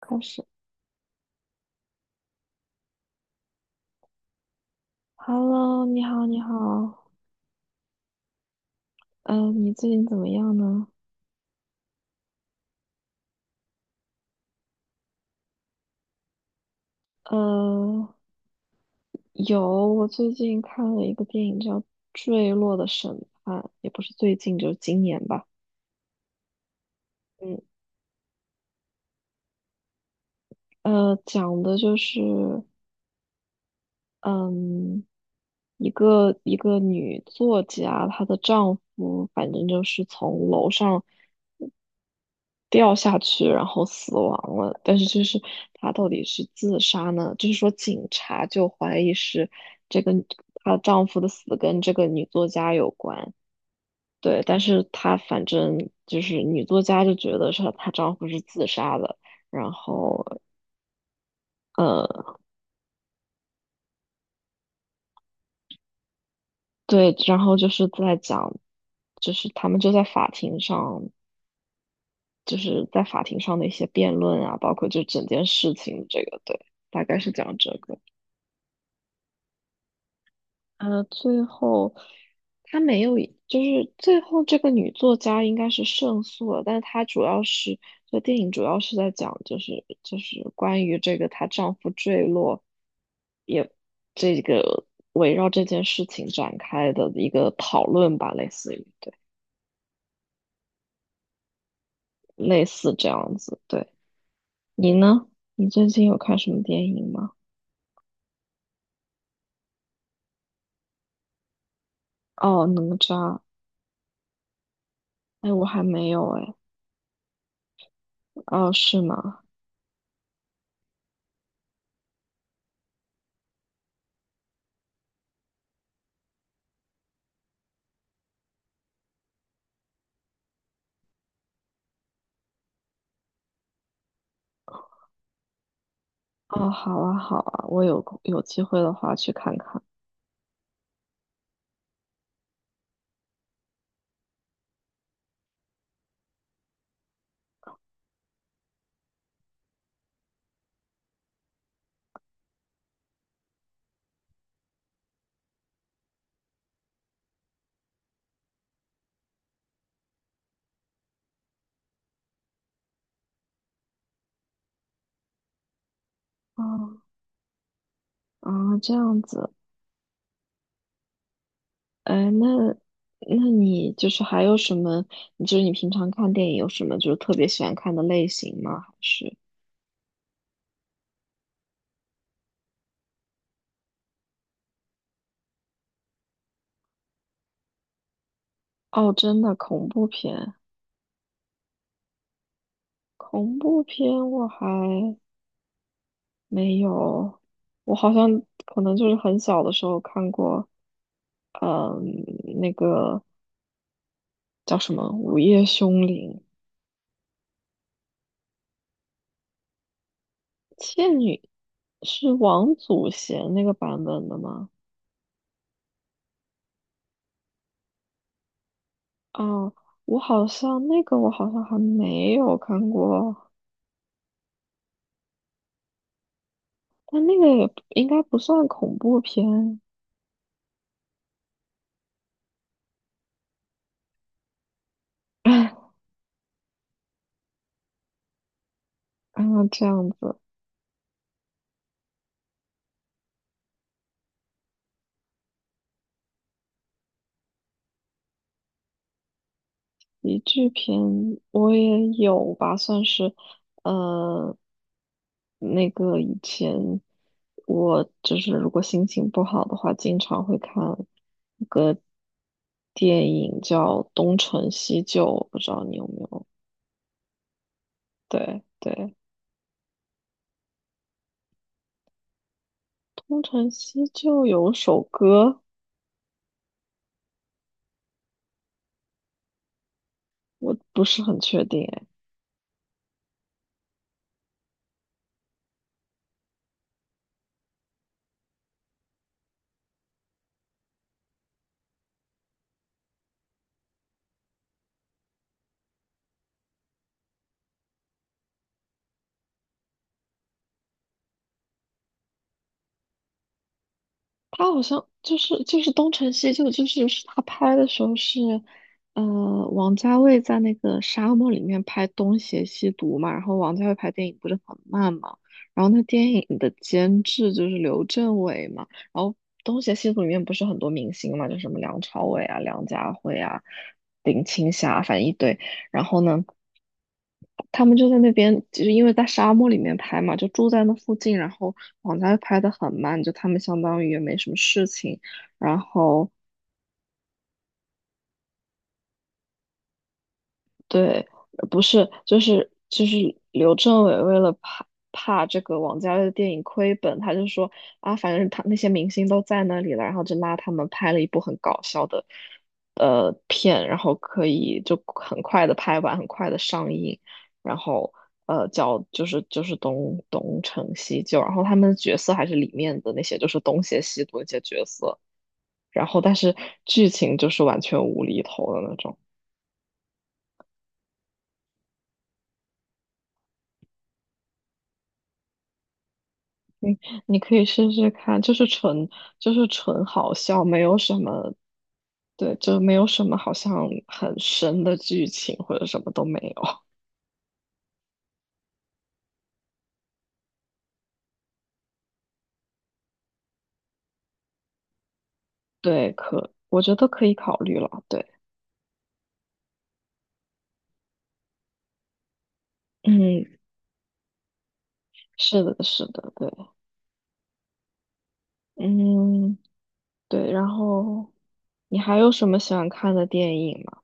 开始，Hello，你好，你好，嗯，你最近怎么样呢？呃，有，我最近看了一个电影叫《坠落的审判》，也不是最近，就是今年吧。嗯，讲的就是，嗯，一个女作家，她的丈夫反正就是从楼上掉下去，然后死亡了。但是就是她到底是自杀呢？就是说警察就怀疑是这个她丈夫的死跟这个女作家有关。对，但是她反正就是女作家就觉得是她丈夫是自杀的，然后呃，对，然后就是在讲，就是他们就在法庭上，就是在法庭上的一些辩论啊，包括就整件事情这个，对，大概是讲这个。最后她没有，就是最后这个女作家应该是胜诉了，但是她主要是，这电影主要是在讲，就是关于这个她丈夫坠落，也这个围绕这件事情展开的一个讨论吧，类似于对，类似这样子。对，你呢？你最近有看什么电影吗？哦，哪吒。哎，我还没有哎。哦，是吗？哦，好啊，好啊，我有空有机会的话去看看。哦，啊，这样子，哎，那你就是还有什么？你就是你平常看电影有什么就是特别喜欢看的类型吗？还是哦，真的恐怖片？恐怖片我还没有，我好像可能就是很小的时候看过，嗯，那个叫什么《午夜凶铃》，倩女是王祖贤那个版本的吗？哦，我好像还没有看过，但那个也不应该不算恐怖片。啊，这样子，喜剧片我也有吧，算是，呃，那个以前我就是如果心情不好的话，经常会看电影叫《东成西就》，我不知道你有没有？对对，《东成西就》有首歌，我不是很确定哎。他好像就是《东成西就》，就是是他拍的时候是，呃，王家卫在那个沙漠里面拍《东邪西毒》嘛，然后王家卫拍电影不是很慢嘛，然后那电影的监制就是刘镇伟嘛，然后《东邪西毒》里面不是很多明星嘛，就什么梁朝伟啊、梁家辉啊、林青霞，反正一堆，然后呢，他们就在那边，其实因为在沙漠里面拍嘛，就住在那附近，然后网家拍的很慢，就他们相当于也没什么事情，然后对，不是，就是刘镇伟为了怕这个王家卫的电影亏本，他就说啊，反正他那些明星都在那里了，然后就拉他们拍了一部很搞笑的片，然后可以就很快的拍完，很快的上映，然后叫就是东成西就，然后他们的角色还是里面的那些就是东邪西毒那些角色，然后但是剧情就是完全无厘头的那种。你可以试试看，就是纯好笑，没有什么，对，就没有什么好像很深的剧情或者什么都没有。对，可我觉得可以考虑了。对，嗯，是的，是的，对，嗯，对。然后你还有什么喜欢看的电影吗？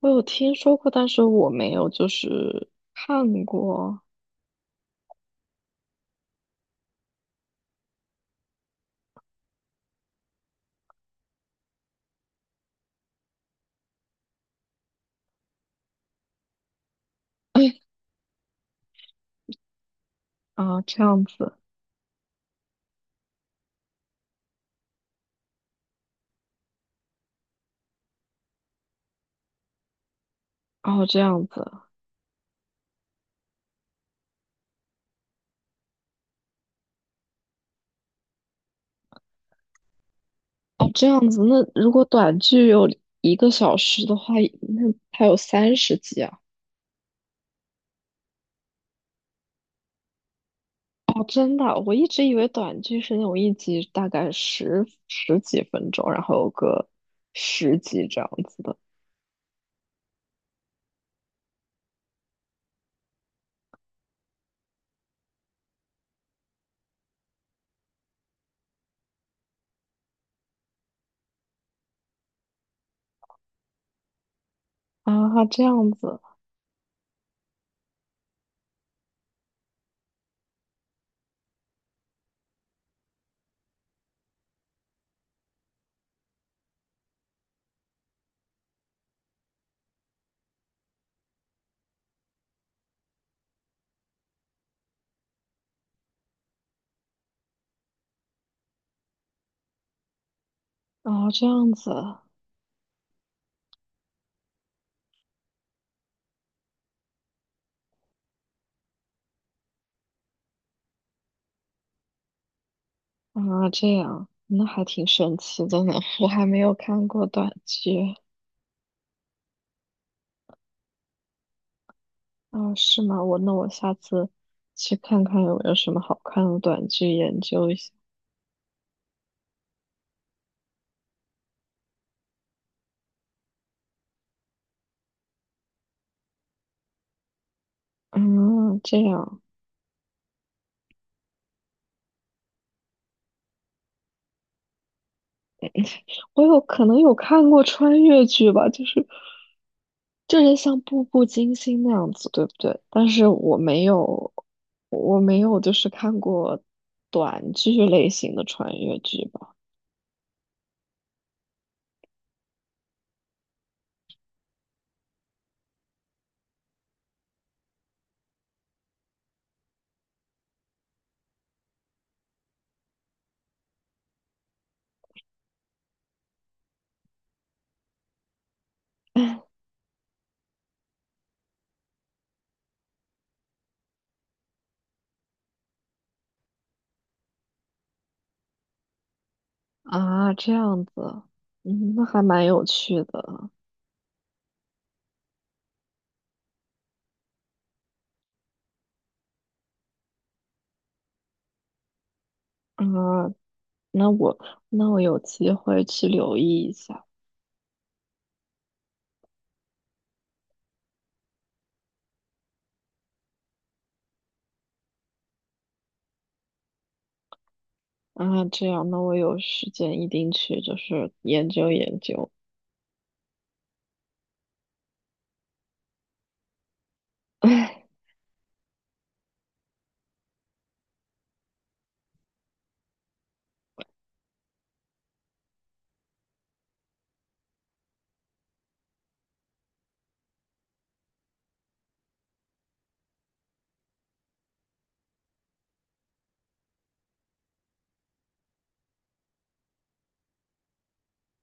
我有听说过，但是我没有就是看过 啊，这样子，哦，这样子。哦，这样子，那如果短剧有一个小时的话，那还有三十集啊？哦，真的，我一直以为短剧是那种一集大概十几分钟，然后有个十集这样子的啊，这样子啊，这样子啊，这样，那还挺神奇的呢。我还没有看过短剧啊，是吗？我那下次去看看有没有什么好看的短剧，研究一下。嗯，这样。我有可能有看过穿越剧吧，就是就是像《步步惊心》那样子，对不对？但是我没有，我没有就是看过短剧类型的穿越剧吧。啊，这样子啊，嗯，那还蛮有趣的啊。那我那我有机会去留意一下啊。这样，那我有时间一定去，就是研究研究。哎，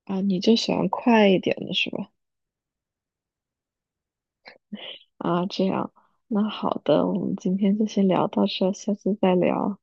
啊，你就喜欢快一点的是吧？啊，这样，那好的，我们今天就先聊到这儿下次再聊。